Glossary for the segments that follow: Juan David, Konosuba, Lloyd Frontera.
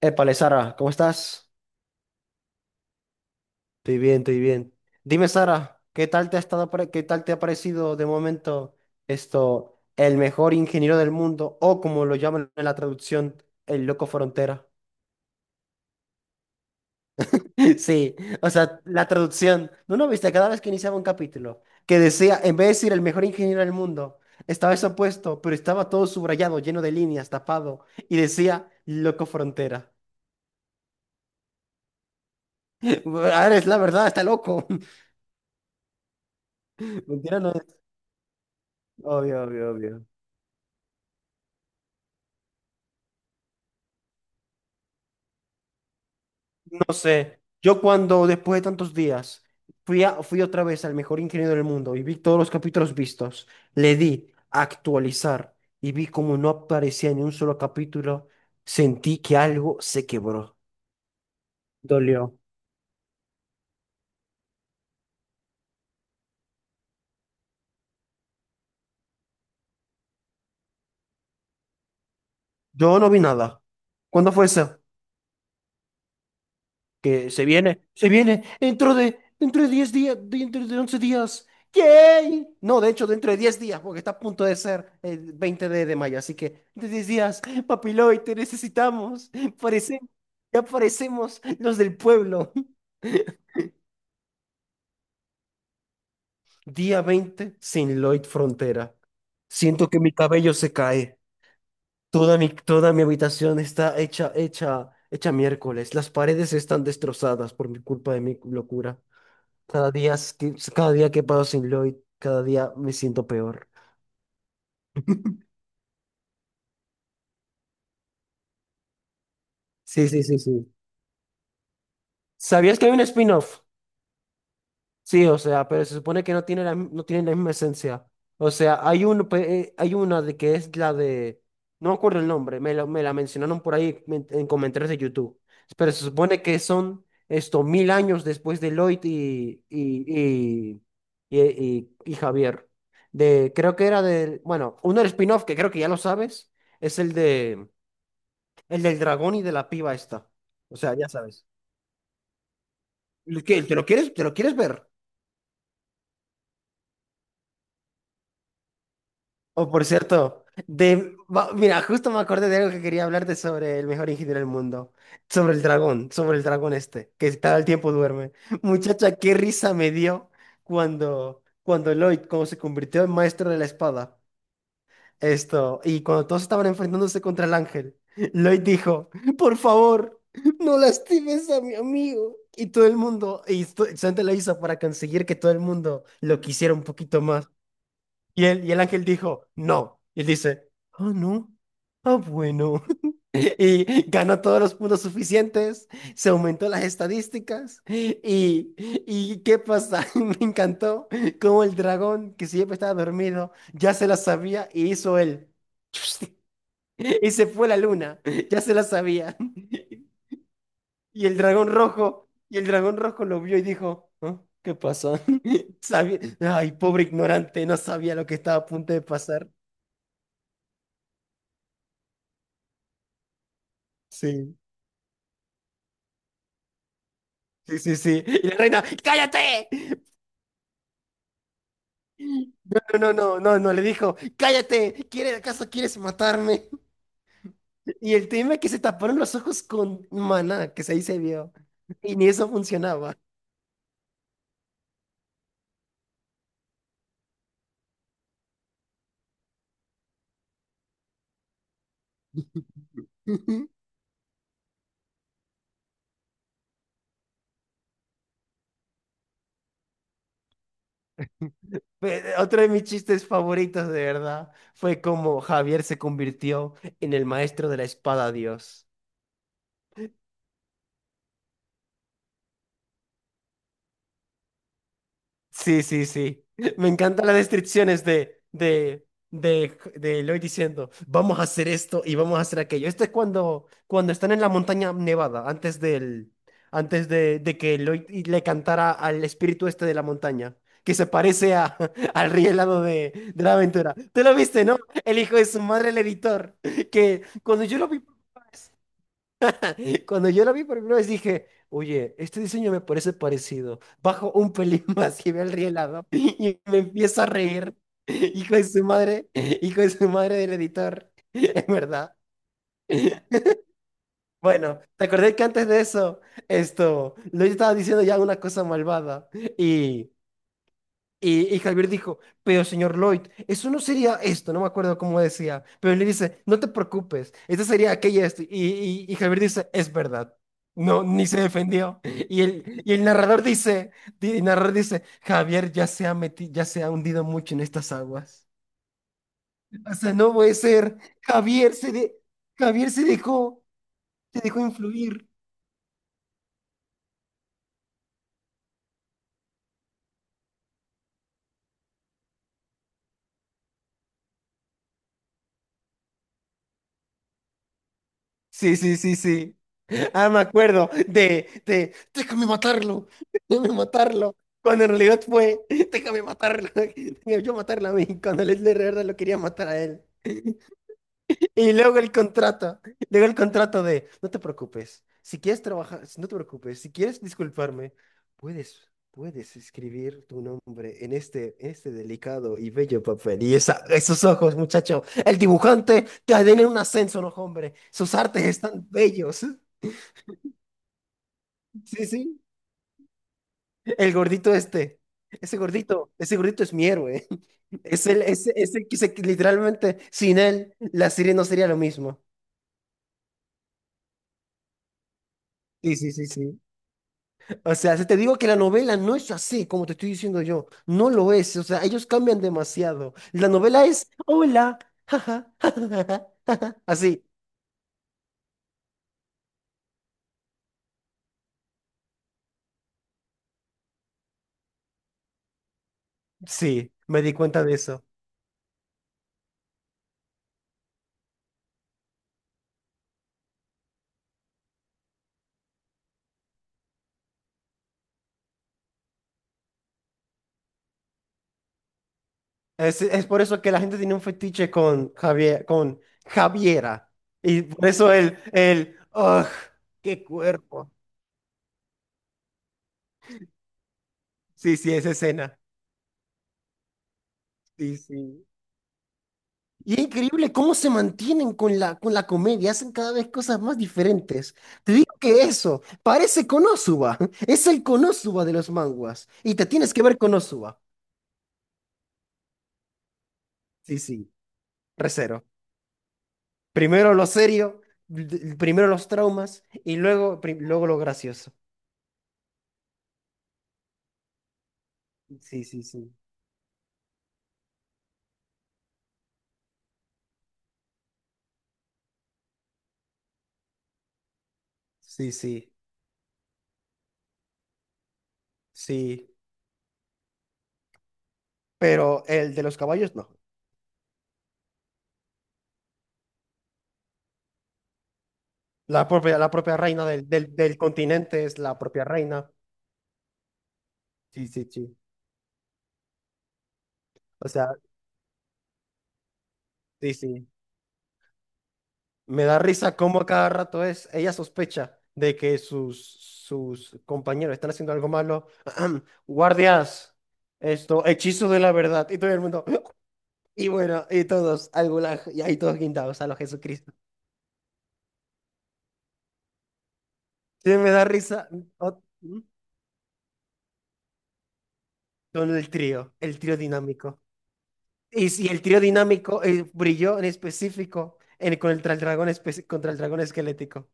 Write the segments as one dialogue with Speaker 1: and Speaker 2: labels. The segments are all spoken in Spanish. Speaker 1: Épale, Sara, ¿cómo estás? Estoy bien, estoy bien. Dime, Sara, ¿Qué tal te ha parecido de momento esto, el mejor ingeniero del mundo, o como lo llaman en la traducción, el loco frontera? Sí, o sea, la traducción. ¿No lo viste? Cada vez que iniciaba un capítulo, que decía, en vez de decir el mejor ingeniero del mundo, estaba eso puesto, pero estaba todo subrayado, lleno de líneas, tapado, y decía, loco frontera. Ahora es la verdad, está loco. Mentira no es. Obvio, obvio, obvio. No sé, yo cuando después de tantos días fui otra vez al mejor ingeniero del mundo y vi todos los capítulos vistos, le di a actualizar y vi como no aparecía ni un solo capítulo, sentí que algo se quebró. Dolió. Yo no vi nada. ¿Cuándo fue eso? Que se viene dentro de 10 días, dentro de 11 días. ¡Yay! No, de hecho, dentro de 10 días, porque está a punto de ser el 20 de mayo. Así que, dentro de 10 días, Papiloy, te necesitamos. Parece, ya parecemos los del pueblo. Día 20 sin Lloyd Frontera. Siento que mi cabello se cae. Toda mi habitación está hecha, hecha, hecha miércoles. Las paredes están destrozadas por mi culpa de mi locura. Cada día que paso sin Lloyd, cada día me siento peor. Sí, sí, sí, sí. ¿Sabías que hay un spin-off? Sí, o sea, pero se supone que no tiene la misma esencia. O sea, hay uno, hay una de que es la de, no me acuerdo el nombre, me la mencionaron por ahí en comentarios de YouTube. Pero se supone que son esto mil años después de Lloyd y Javier. De, creo que era del, bueno, uno del spin-off que creo que ya lo sabes, es el de el del dragón y de la piba esta. O sea, ya sabes. ¿Te lo quieres ver? O por cierto, mira, justo me acordé de algo que quería hablarte sobre el mejor ingeniero del mundo. Sobre el dragón este, que cada el tiempo duerme. Muchacha, qué risa me dio cuando Lloyd, como se convirtió en maestro de la espada. Esto, y cuando todos estaban enfrentándose contra el ángel, Lloyd dijo, por favor, no lastimes a mi amigo. Y todo el mundo, Santa lo hizo para conseguir que todo el mundo lo quisiera un poquito más. Y el ángel dijo, no. Y él dice, ah, no, ah, bueno y ganó todos los puntos suficientes, se aumentó las estadísticas y ¿qué pasa? Me encantó cómo el dragón que siempre estaba dormido ya se la sabía y hizo él. Y se fue la luna, ya se la sabía. Y el dragón rojo lo vio y dijo, "¿Ah? ¿Qué pasó? Ay, pobre ignorante, no sabía lo que estaba a punto de pasar. Sí, sí, sí, sí. Y la reina, ¡cállate! No, no, no, no, no, le dijo, cállate, ¿Acaso quieres matarme? Y el tema es que se taparon los ojos con maná, que ahí se vio. Y ni eso funcionaba. Otro de mis chistes favoritos, de verdad, fue como Javier se convirtió en el maestro de la espada Dios. Sí, sí, sí. Me encantan las descripciones de Eloy diciendo, vamos a hacer esto y vamos a hacer aquello. Esto es cuando están en la montaña nevada, antes de que le cantara al espíritu este de la montaña, que se parece a, al rey helado de la aventura. ¿Te lo viste, no? El hijo de su madre, el editor, que cuando yo la vi por primera vez dije, oye, este diseño me parece parecido. Bajo un pelín más y veo el rielado y me empiezo a reír. Hijo de su madre, hijo de su madre del editor, es verdad. Bueno, te acordé que antes de eso, esto, lo estaba diciendo ya una cosa malvada y y Javier dijo, pero señor Lloyd, eso no sería esto, no me acuerdo cómo decía, pero él le dice, no te preocupes, esto sería aquello esto. Y Javier dice, es verdad. No, ni se defendió. Y el narrador dice, Javier ya se ha hundido mucho en estas aguas. O sea, no puede ser. Javier se dejó influir. Sí, sí, sí, sí. Ah, me acuerdo de, déjame matarlo, déjame matarlo. Cuando en realidad fue, déjame matarlo, déjame yo matarlo a mí, cuando Leslie de verdad lo quería matar a él. Y luego el contrato, luego el contrato de, no te preocupes, si quieres trabajar, si no te preocupes, si quieres disculparme, puedes, puedes escribir tu nombre en este delicado y bello papel. Esos ojos, muchacho, el dibujante te den un ascenso, no, hombre, sus artes están bellos. Sí, sí. El gordito este. Ese gordito es mi héroe. Es el, ese que se- que literalmente sin él la serie no sería lo mismo. Sí, sí, sí, sí. O sea, si te digo que la novela no es así, como te estoy diciendo yo, no lo es. O sea, ellos cambian demasiado. La novela es, hola, jaja, jajaja, jaja". Así. Sí, me di cuenta de eso. Es por eso que la gente tiene un fetiche con Javiera. Y por eso qué cuerpo. Sí, sí, esa escena. Sí, sí. Y es increíble cómo se mantienen con la, comedia, hacen cada vez cosas más diferentes. Te digo que eso, parece Konosuba, es el Konosuba de los manguas. Y te tienes que ver Konosuba. Sí, sí, recero. Primero lo serio, primero los traumas y luego, luego lo gracioso. Sí, sí, sí. Sí, sí, sí. Pero el de los caballos no. La propia reina del continente es la propia reina. Sí, sí, sí. O sea. Sí, sí. Me da risa cómo a cada rato es. Ella sospecha de que sus compañeros están haciendo algo malo. Guardias, esto, hechizo de la verdad. Y todo el mundo. Y bueno, y todos, al gulag, y ahí todos guindados a lo Jesucristo. Sí, me da risa. o- Con el trío dinámico. Y si el trío dinámico brilló en específico en, con el, tra- el dragón espe- contra el dragón esquelético.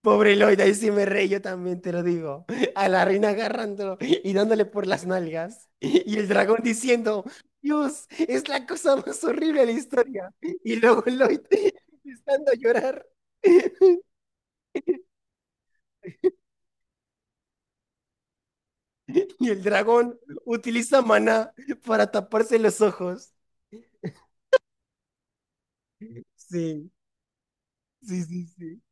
Speaker 1: Pobre Lloyd, ahí sí me reí, yo también te lo digo. A la reina agarrándolo y dándole por las nalgas. Y el dragón diciendo, Dios, es la cosa más horrible de la historia. Y luego Lloyd empezando a llorar. Y el dragón utiliza maná para taparse los ojos. Sí, sí, sí, sí.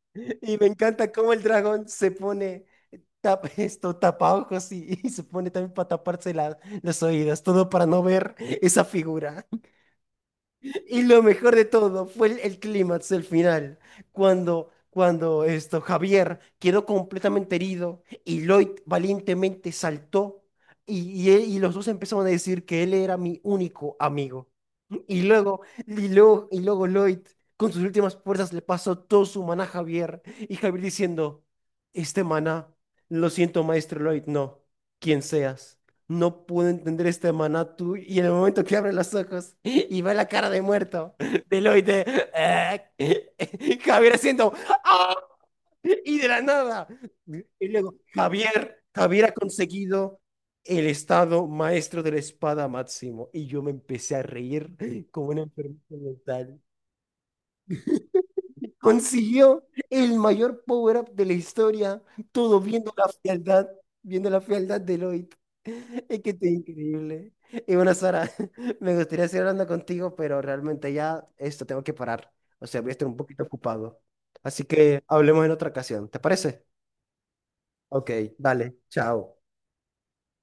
Speaker 1: Y me encanta cómo el dragón se pone tapa ojos y se pone también para taparse los oídos, todo para no ver esa figura. Y lo mejor de todo fue el clímax el final, cuando esto, Javier quedó completamente herido y Lloyd valientemente saltó y los dos empezaron a decir que él era mi único amigo. Y luego, y luego Lloyd, con sus últimas fuerzas, le pasó todo su maná a Javier. Y Javier diciendo, este maná, lo siento, maestro Lloyd, no, quien seas. No puedo entender este maná tú. Y en el momento que abre los ojos y ve la cara de muerto de Lloyd, de, "Ah". Javier haciendo, "Ah". Y de la nada. Y luego, Javier ha conseguido el estado maestro de la espada máximo. Y yo me empecé a reír como una enfermedad mental. Consiguió el mayor power-up de la historia, todo viendo la fealdad de Lloyd. Es que esto es increíble. Y bueno, Sara, me gustaría seguir hablando contigo, pero realmente ya esto tengo que parar. O sea, voy a estar un poquito ocupado. Así que hablemos en otra ocasión. ¿Te parece? Ok, vale, chao.